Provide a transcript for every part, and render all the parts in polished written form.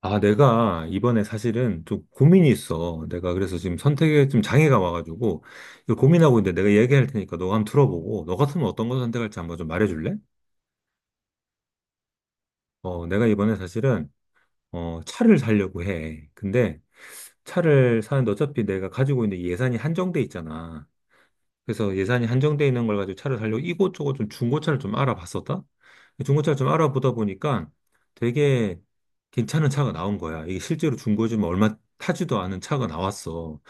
아, 내가 이번에 사실은 좀 고민이 있어. 내가 그래서 지금 선택에 좀 장애가 와가지고, 이거 고민하고 있는데 내가 얘기할 테니까 너가 한번 들어보고, 너 같으면 어떤 걸 선택할지 한번 좀 말해줄래? 내가 이번에 사실은, 차를 사려고 해. 근데 차를 사는데 어차피 내가 가지고 있는 예산이 한정돼 있잖아. 그래서 예산이 한정돼 있는 걸 가지고 차를 살려고 이곳저곳 좀 중고차를 좀 알아봤었다. 중고차를 좀 알아보다 보니까 되게 괜찮은 차가 나온 거야. 이게 실제로 중고지만 얼마 타지도 않은 차가 나왔어.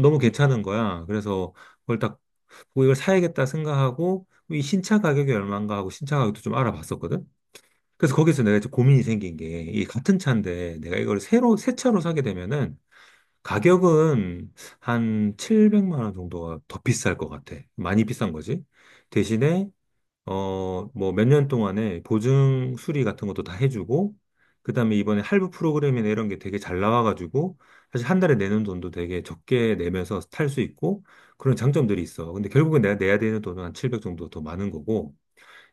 너무 괜찮은 거야. 그래서 그걸 딱 보고 이걸 사야겠다 생각하고 이 신차 가격이 얼마인가 하고 신차 가격도 좀 알아봤었거든. 그래서 거기서 내가 이제 고민이 생긴 게 이 같은 차인데 내가 이걸 새로 새 차로 사게 되면은 가격은 한 700만 원 정도가 더 비쌀 것 같아. 많이 비싼 거지. 대신에, 뭐 몇 년 동안에 보증 수리 같은 것도 다 해주고, 그 다음에 이번에 할부 프로그램이나 이런 게 되게 잘 나와가지고, 사실 한 달에 내는 돈도 되게 적게 내면서 탈 수 있고, 그런 장점들이 있어. 근데 결국엔 내가 내야 되는 돈은 한 700 정도 더 많은 거고,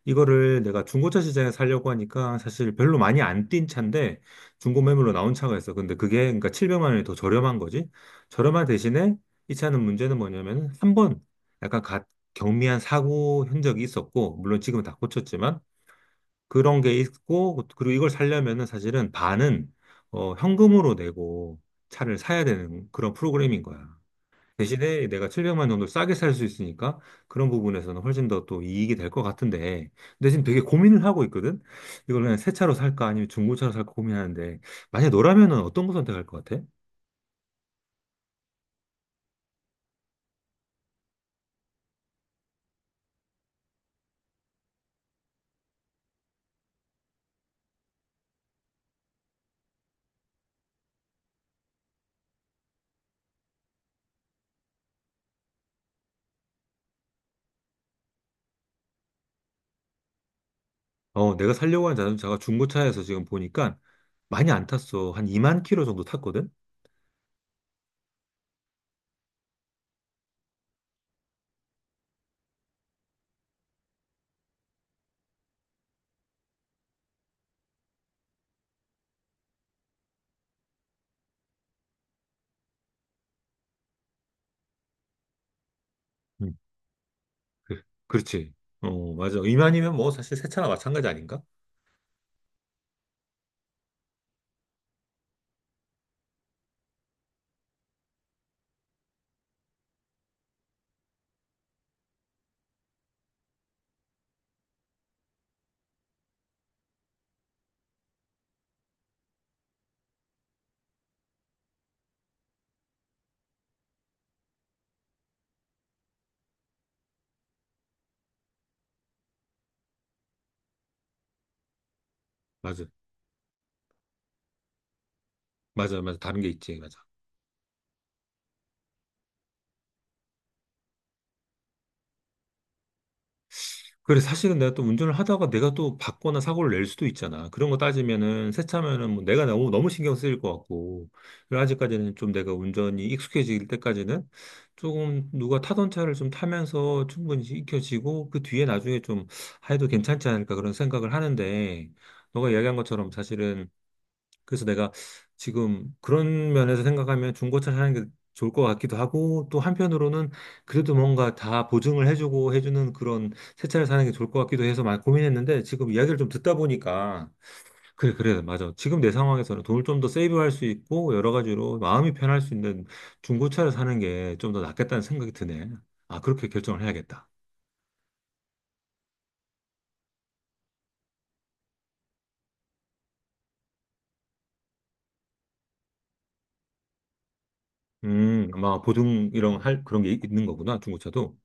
이거를 내가 중고차 시장에 살려고 하니까 사실 별로 많이 안 뛴 차인데 중고 매물로 나온 차가 있어. 근데 그게 그러니까 700만 원이 더 저렴한 거지. 저렴한 대신에 이 차는 문제는 뭐냐면 한 번 약간 가- 경미한 사고 흔적이 있었고 물론 지금은 다 고쳤지만 그런 게 있고 그리고 이걸 살려면은 사실은 반은 현금으로 내고 차를 사야 되는 그런 프로그램인 거야. 대신에 내가 700만 정도 싸게 살 수 있으니까 그런 부분에서는 훨씬 더 또 이익이 될 것 같은데. 근데 지금 되게 고민을 하고 있거든? 이걸 그냥 새 차로 살까 아니면 중고차로 살까 고민하는데 만약 너라면은 어떤 거 선택할 것 같아? 내가 살려고 하는 자동차가 중고차에서 지금 보니까 많이 안 탔어. 한 2만 킬로 정도 탔거든? 음, 그렇지. 어, 맞아. 2만이면 뭐 사실 새 차나 마찬가지 아닌가? 맞아. 맞아, 맞아. 다른 게 있지. 맞아. 그래, 사실은 내가 또 운전을 하다가 내가 또 받거나 사고를 낼 수도 있잖아. 그런 거 따지면은, 세차면은 뭐 내가 너무, 너무 신경 쓰일 것 같고. 그래서 아직까지는 좀 내가 운전이 익숙해질 때까지는 조금 누가 타던 차를 좀 타면서 충분히 익혀지고, 그 뒤에 나중에 좀 해도 괜찮지 않을까 그런 생각을 하는데, 너가 이야기한 것처럼 사실은 그래서 내가 지금 그런 면에서 생각하면 중고차 사는 게 좋을 것 같기도 하고 또 한편으로는 그래도 뭔가 다 보증을 해주고 해주는 그런 새 차를 사는 게 좋을 것 같기도 해서 많이 고민했는데 지금 이야기를 좀 듣다 보니까 그래 그래 맞아 지금 내 상황에서는 돈을 좀 더 세이브할 수 있고 여러 가지로 마음이 편할 수 있는 중고차를 사는 게 좀 더 낫겠다는 생각이 드네. 아 그렇게 결정을 해야겠다. 아마 보증 이런 할 그런 게 있는 거구나 중고차도.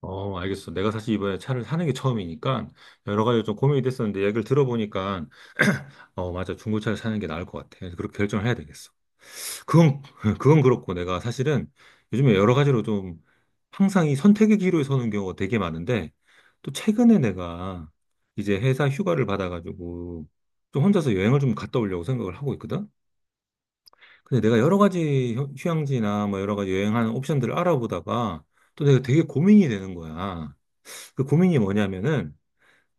어, 알겠어. 내가 사실 이번에 차를 사는 게 처음이니까 여러 가지 좀 고민이 됐었는데 얘기를 들어보니까 어, 맞아. 중고차를 사는 게 나을 것 같아. 그래서 그렇게 결정을 해야 되겠어. 그건, 그건 그렇고 내가 사실은 요즘에 여러 가지로 좀 항상 이 선택의 기로에 서는 경우가 되게 많은데 또 최근에 내가 이제 회사 휴가를 받아가지고 좀 혼자서 여행을 좀 갔다 오려고 생각을 하고 있거든. 근데 내가 여러 가지 휴양지나 뭐 여러 가지 여행하는 옵션들을 알아보다가 또 내가 되게 고민이 되는 거야. 그 고민이 뭐냐면은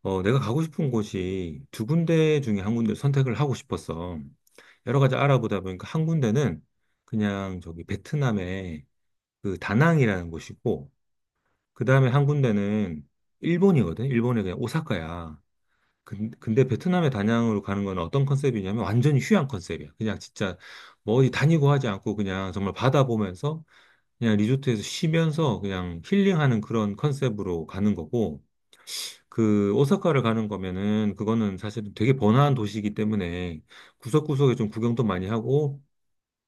내가 가고 싶은 곳이 두 군데 중에 한 군데를 선택을 하고 싶었어. 여러 가지 알아보다 보니까 한 군데는 그냥 저기 베트남의 그 다낭이라는 곳이고, 그 다음에 한 군데는 일본이거든. 일본의 그냥 오사카야. 근데 베트남의 다낭으로 가는 건 어떤 컨셉이냐면 완전히 휴양 컨셉이야. 그냥 진짜 뭐 어디 다니고 하지 않고 그냥 정말 바다 보면서 그냥 리조트에서 쉬면서 그냥 힐링하는 그런 컨셉으로 가는 거고, 그 오사카를 가는 거면은 그거는 사실 되게 번화한 도시이기 때문에 구석구석에 좀 구경도 많이 하고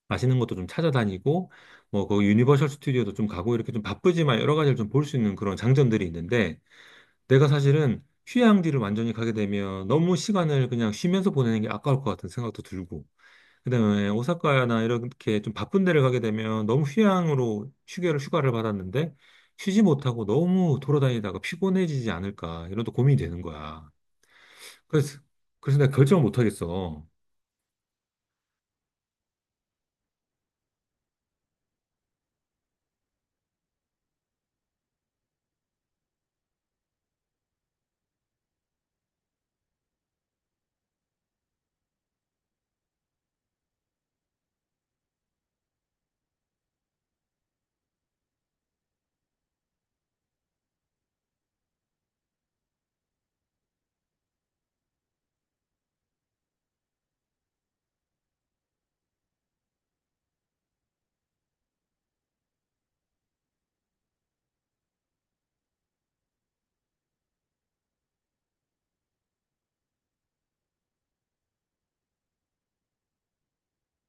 맛있는 것도 좀 찾아다니고 뭐 거기 유니버셜 스튜디오도 좀 가고 이렇게 좀 바쁘지만 여러 가지를 좀 볼 수 있는 그런 장점들이 있는데 내가 사실은 휴양지를 완전히 가게 되면 너무 시간을 그냥 쉬면서 보내는 게 아까울 것 같은 생각도 들고 그다음에 오사카나 이렇게 좀 바쁜 데를 가게 되면 너무 휴양으로 휴게를 휴가를 받았는데 쉬지 못하고 너무 돌아다니다가 피곤해지지 않을까 이런 또 고민이 되는 거야. 그래서, 그래서 내가 결정을 못 하겠어.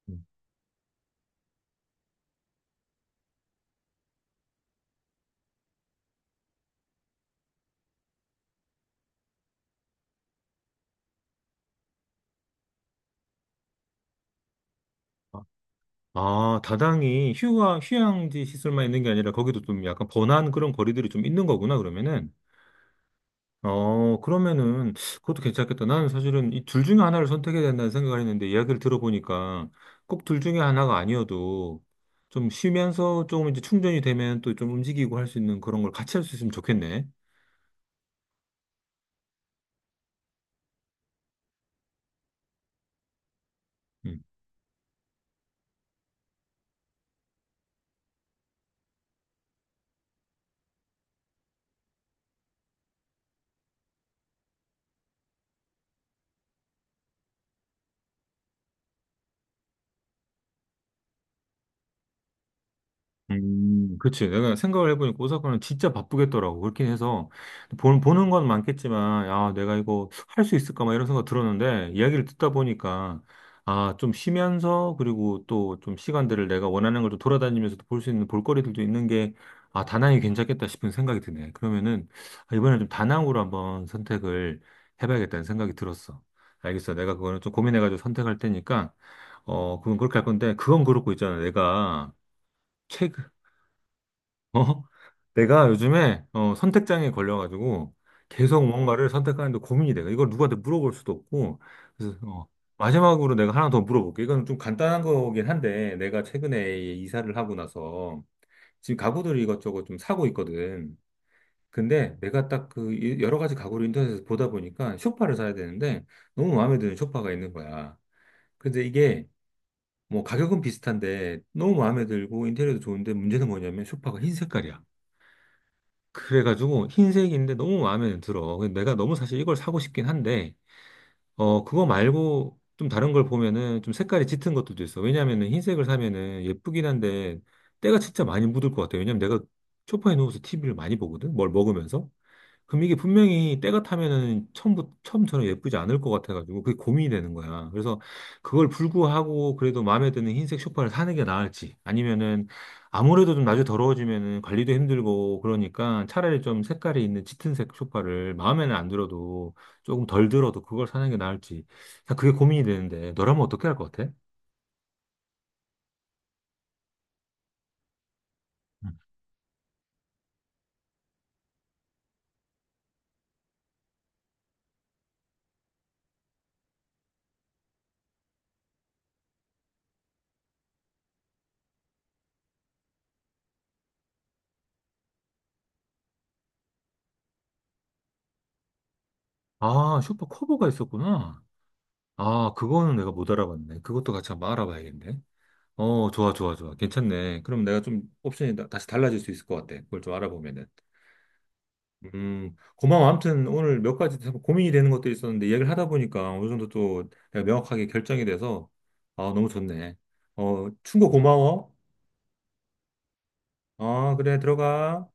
음. 아, 아, 다당이 휴양, 휴양지 시설만 있는 게 아니라 거기도 좀 약간 번화한 그런 거리들이 좀 있는 거구나, 그러면은. 어, 그러면은 그것도 괜찮겠다. 나는 사실은 이 둘 중에 하나를 선택해야 된다는 생각을 했는데 이야기를 들어보니까 꼭 둘 중에 하나가 아니어도 좀 쉬면서 조금 이제 충전이 되면 또 좀 움직이고 할 수 있는 그런 걸 같이 할 수 있으면 좋겠네. 음. 그치. 내가 생각을 해보니까 오사카는 진짜 바쁘겠더라고. 그렇긴 해서, 보는 건 많겠지만, 아, 내가 이거 할 수 있을까? 막 이런 생각 들었는데, 이야기를 듣다 보니까, 아, 좀 쉬면서, 그리고 또 좀 시간들을 내가 원하는 걸 좀 돌아다니면서도 볼 수 있는 볼거리들도 있는 게, 아, 다낭이 괜찮겠다 싶은 생각이 드네. 그러면은, 아, 이번에 좀 다낭으로 한번 선택을 해봐야겠다는 생각이 들었어. 알겠어. 내가 그거는 좀 고민해가지고 선택할 테니까, 어, 그건 그렇게 할 건데, 그건 그렇고 있잖아. 내가, 책, 어? 내가 요즘에 선택장애 걸려가지고 계속 뭔가를 선택하는데 고민이 돼. 이걸 누구한테 물어볼 수도 없고. 그래서 마지막으로 내가 하나 더 물어볼게. 이건 좀 간단한 거긴 한데 내가 최근에 이사를 하고 나서 지금 가구들을 이것저것 좀 사고 있거든. 근데 내가 딱 그 여러 가지 가구를 인터넷에서 보다 보니까 소파를 사야 되는데 너무 마음에 드는 소파가 있는 거야. 근데 이게 뭐 가격은 비슷한데 너무 마음에 들고 인테리어도 좋은데 문제는 뭐냐면 소파가 흰 색깔이야. 그래가지고 흰색인데 너무 마음에 들어. 근데 내가 너무 사실 이걸 사고 싶긴 한데, 그거 말고 좀 다른 걸 보면은 좀 색깔이 짙은 것들도 있어. 왜냐면은 흰색을 사면은 예쁘긴 한데 때가 진짜 많이 묻을 것 같아. 왜냐면 내가 소파에 누워서 TV를 많이 보거든. 뭘 먹으면서. 그럼 이게 분명히 때가 타면은 처음부터, 처음처럼 예쁘지 않을 것 같아가지고 그게 고민이 되는 거야. 그래서 그걸 불구하고 그래도 마음에 드는 흰색 쇼파를 사는 게 나을지 아니면은 아무래도 좀 나중에 더러워지면은 관리도 힘들고 그러니까 차라리 좀 색깔이 있는 짙은색 쇼파를 마음에는 안 들어도 조금 덜 들어도 그걸 사는 게 나을지. 자, 그게 고민이 되는데 너라면 어떻게 할 것 같아? 음. 아, 쇼파 커버가 있었구나. 아, 그거는 내가 못 알아봤네. 그것도 같이 한번 알아봐야겠네. 어, 좋아, 좋아, 좋아. 괜찮네. 그럼 내가 좀 옵션이 다시 달라질 수 있을 것 같아. 그걸 좀 알아보면은. 고마워. 아무튼 오늘 몇 가지 참 고민이 되는 것도 있었는데 얘기를 하다 보니까 어느 정도 또 내가 명확하게 결정이 돼서 아, 너무 좋네. 어, 충고 고마워. 아, 그래, 들어가.